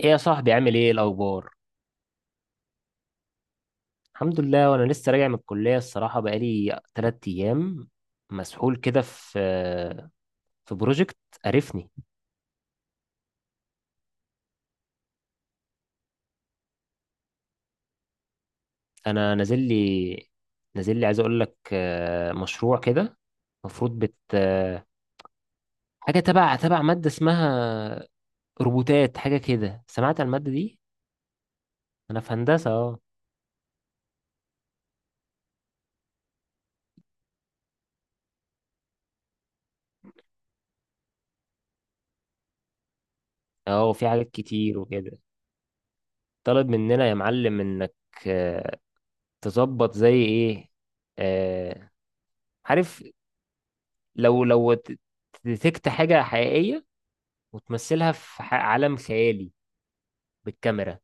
ايه يا صاحبي، عامل ايه الاخبار؟ الحمد لله. وانا لسه راجع من الكليه، الصراحه بقالي 3 ايام مسحول كده في بروجكت، قرفني. انا نازل لي عايز اقول لك، مشروع كده. المفروض بت آه، حاجه تبع ماده اسمها روبوتات، حاجه كده. سمعت عن الماده دي؟ انا في هندسه، اه. اه، وفي حاجات كتير وكده. طلب مننا يا معلم انك آه، تظبط زي ايه، آه، عارف، لو ديتكت حاجة حقيقية وتمثلها في عالم خيالي بالكاميرا.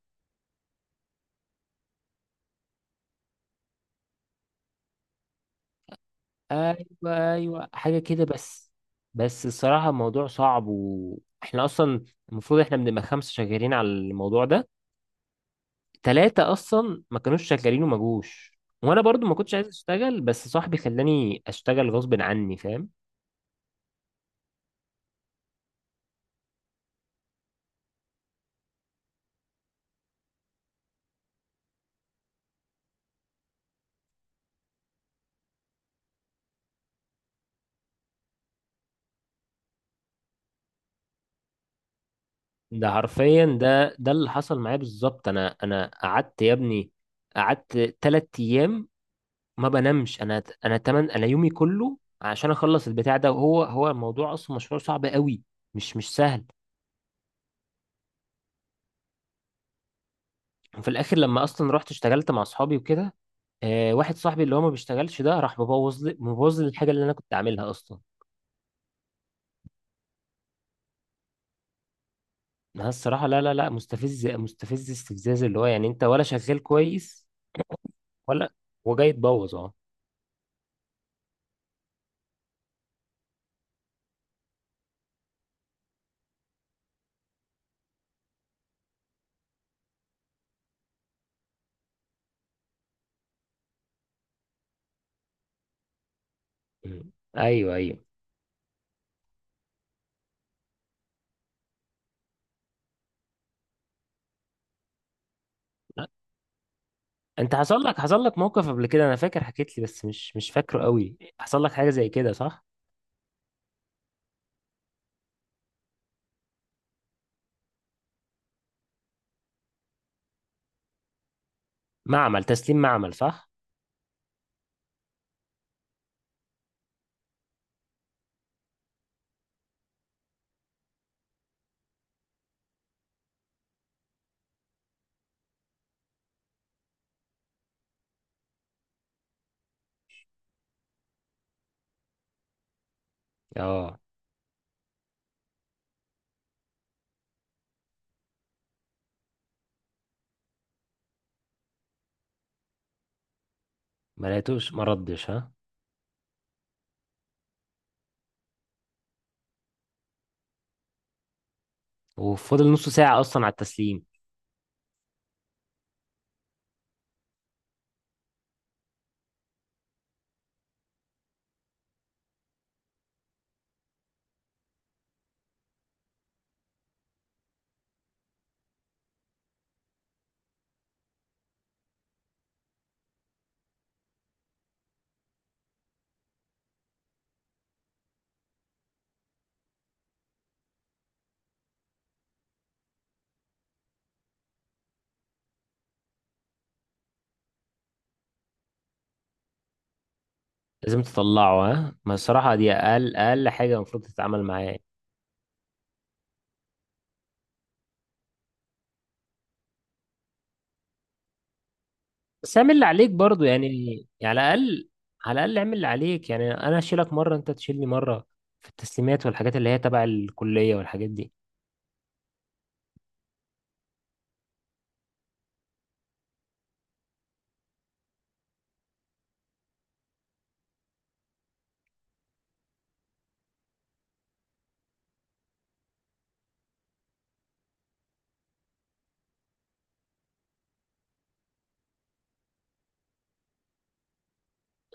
ايوه، ايوه، حاجة كده. بس بس الصراحة الموضوع صعب، واحنا اصلا المفروض احنا بنبقى 5 شغالين على الموضوع ده، 3 اصلا ما كانوش شغالين وما جوش، وانا برضو ما كنتش عايز اشتغل، بس صاحبي خلاني اشتغل غصب عني، فاهم. ده حرفيا ده اللي حصل معايا بالظبط. انا قعدت يا ابني، قعدت 3 ايام ما بنامش. انا تمن انا يومي كله عشان اخلص البتاع ده، وهو الموضوع اصلا مشروع صعب قوي، مش سهل. وفي الاخر لما اصلا رحت اشتغلت مع اصحابي وكده، آه، واحد صاحبي اللي هو ما بيشتغلش ده راح مبوظ لي الحاجه اللي انا كنت عاملها اصلا. انا الصراحه لا، لا، لا، مستفز استفزاز، اللي هو يعني انت ولا شغال كويس، ولا وجاي تبوظ، اه. مم. ايوه، ايوه. انت حصل لك موقف قبل كده؟ انا فاكر حكيت لي، بس مش فاكره قوي. حصل لك حاجه زي كده صح؟ معمل تسليم، معمل صح. اه، ما لقيتوش، ما ردش ها؟ وفضل نص ساعة أصلا على التسليم. لازم تطلعه ها؟ ما الصراحة دي أقل حاجة المفروض تتعامل معاه يعني. بس اعمل اللي عليك برضو يعني. يعني على الأقل. على الأقل اعمل اللي عليك يعني، أنا أشيلك مرة أنت تشيلني مرة في التسليمات والحاجات اللي هي تبع الكلية والحاجات دي.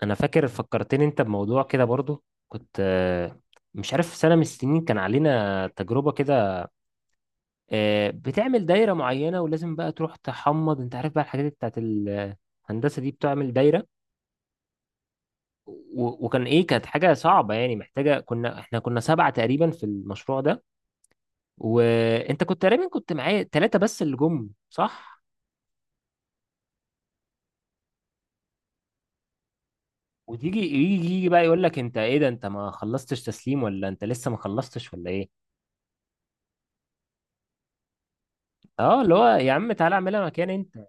أنا فاكر فكرتني أنت بموضوع كده برضو، كنت مش عارف، سنة من السنين كان علينا تجربة كده، بتعمل دايرة معينة ولازم بقى تروح تحمض. انت عارف بقى الحاجات بتاعت الهندسة دي، بتعمل دايرة، وكان ايه، كانت حاجة صعبة يعني، محتاجة، احنا كنا 7 تقريبا في المشروع ده، وانت كنت تقريبا كنت معايا، 3 بس اللي جم صح. وتيجي يجي بقى يقول لك، انت ايه ده؟ انت ما خلصتش تسليم، ولا انت لسه ما خلصتش، ولا ايه؟ اه، اللي هو يا عم تعالى اعملها مكان انت.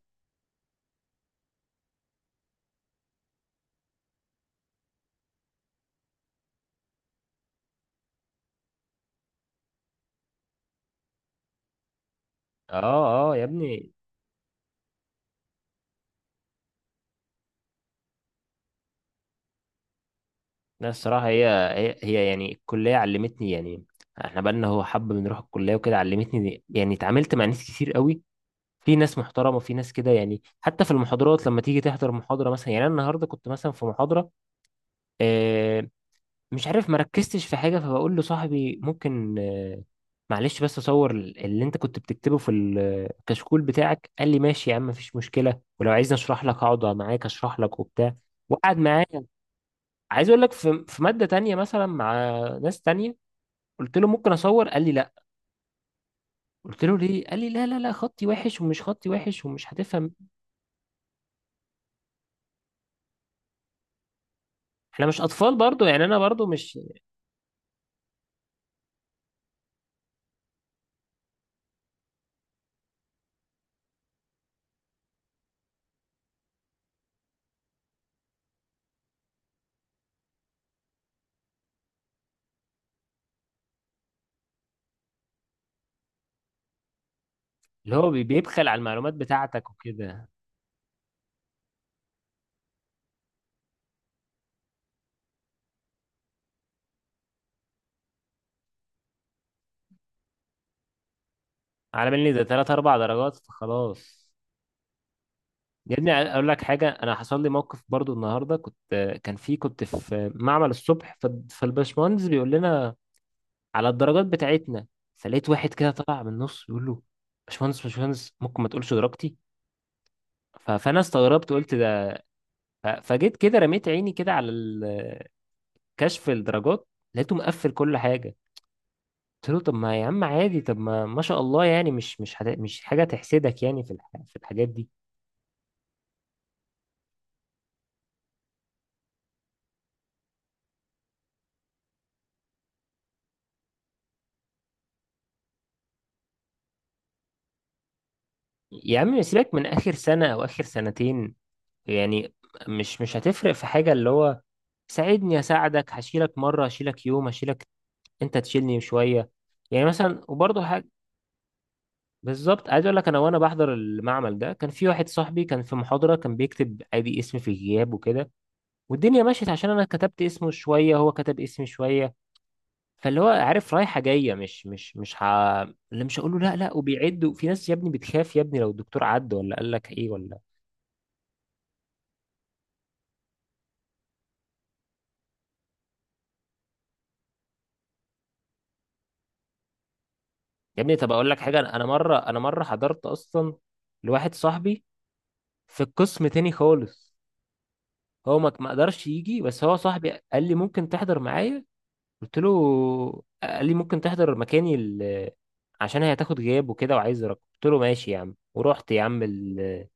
اه، اه يا ابني. لا، الصراحة هي يعني الكلية علمتني يعني. احنا بقالنا هو حب بنروح الكلية وكده، علمتني يعني، اتعاملت مع ناس كتير قوي. في ناس محترمة وفي ناس كده يعني، حتى في المحاضرات لما تيجي تحضر محاضرة مثلا. يعني انا النهاردة كنت مثلا في محاضرة، آه، مش عارف مركزتش في حاجة، فبقول لصاحبي ممكن، معلش بس اصور اللي انت كنت بتكتبه في الكشكول بتاعك. قال لي ماشي يا عم، مفيش مشكلة، ولو عايزني اشرح لك هقعد معاك اشرح لك وبتاع. وقعد معايا. عايز اقول لك، في ماده تانية مثلا مع ناس تانية، قلت له ممكن اصور، قال لي لا. قلت له ليه؟ قال لي لا، لا، لا، خطي وحش، ومش خطي وحش، ومش هتفهم. احنا مش اطفال برضو يعني، انا برضو مش، اللي هو بيبخل على المعلومات بتاعتك وكده. على بالي ده 3 4 درجات فخلاص. يا ابني اقول لك حاجه، انا حصل لي موقف برضو النهارده. كنت، كان في كنت في معمل الصبح، فالباشمهندس بيقول لنا على الدرجات بتاعتنا. فلقيت واحد كده طلع من النص بيقول له، باشمهندس باشمهندس ممكن ما تقولش درجتي؟ فانا استغربت، قلت ده، فجيت كده رميت عيني كده على كشف الدرجات، لقيته مقفل كل حاجه. قلت له طب ما يا عم عادي، طب ما ما شاء الله يعني، مش حاجه تحسدك يعني، في الحاجات دي. يا عم سيبك من اخر سنه او اخر سنتين يعني، مش هتفرق في حاجه، اللي هو ساعدني اساعدك، هشيلك مره، هشيلك يوم، هشيلك انت تشيلني شويه يعني، مثلا، وبرضه. بالظبط. عايز اقول لك، انا وانا بحضر المعمل ده، كان في واحد صاحبي كان في محاضره، كان بيكتب ادي اسمي في الغياب وكده، والدنيا مشيت، عشان انا كتبت اسمه شويه، هو كتب اسمي شويه. فاللي هو عارف رايحه جايه، مش مش مش ح... اللي مش هقول له لا، لا، وبيعدوا. في ناس يا ابني بتخاف يا ابني، لو الدكتور عد ولا قال لك ايه ولا. يا ابني طب اقول لك حاجه، انا مره حضرت اصلا لواحد صاحبي في القسم تاني خالص. هو ما قدرش يجي، بس هو صاحبي قال لي ممكن تحضر معايا؟ قلت له آه. قال لي ممكن تحضر مكاني، عشان هي هتاخد غياب وكده، وعايز رقم. قلت له ماشي يا عم، ورحت يا عم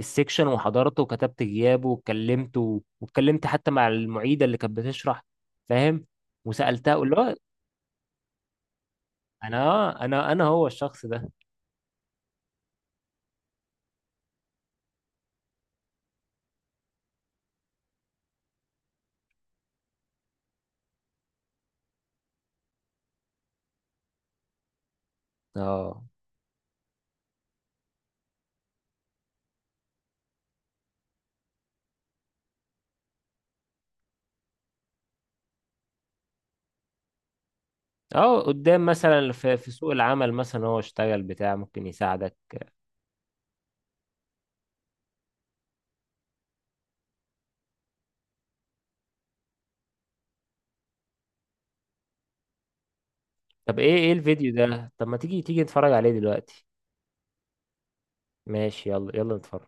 السكشن وحضرته، وكتبت غيابه، واتكلمت حتى مع المعيدة اللي كانت بتشرح، فاهم. وسألتها، اقول له انا هو الشخص ده. اه، اه، قدام مثلا في سوق العمل مثلا، هو اشتغل بتاع ممكن يساعدك. طب ايه، الفيديو ده؟ طب ما تيجي، نتفرج عليه دلوقتي. ماشي، يلا يلا نتفرج.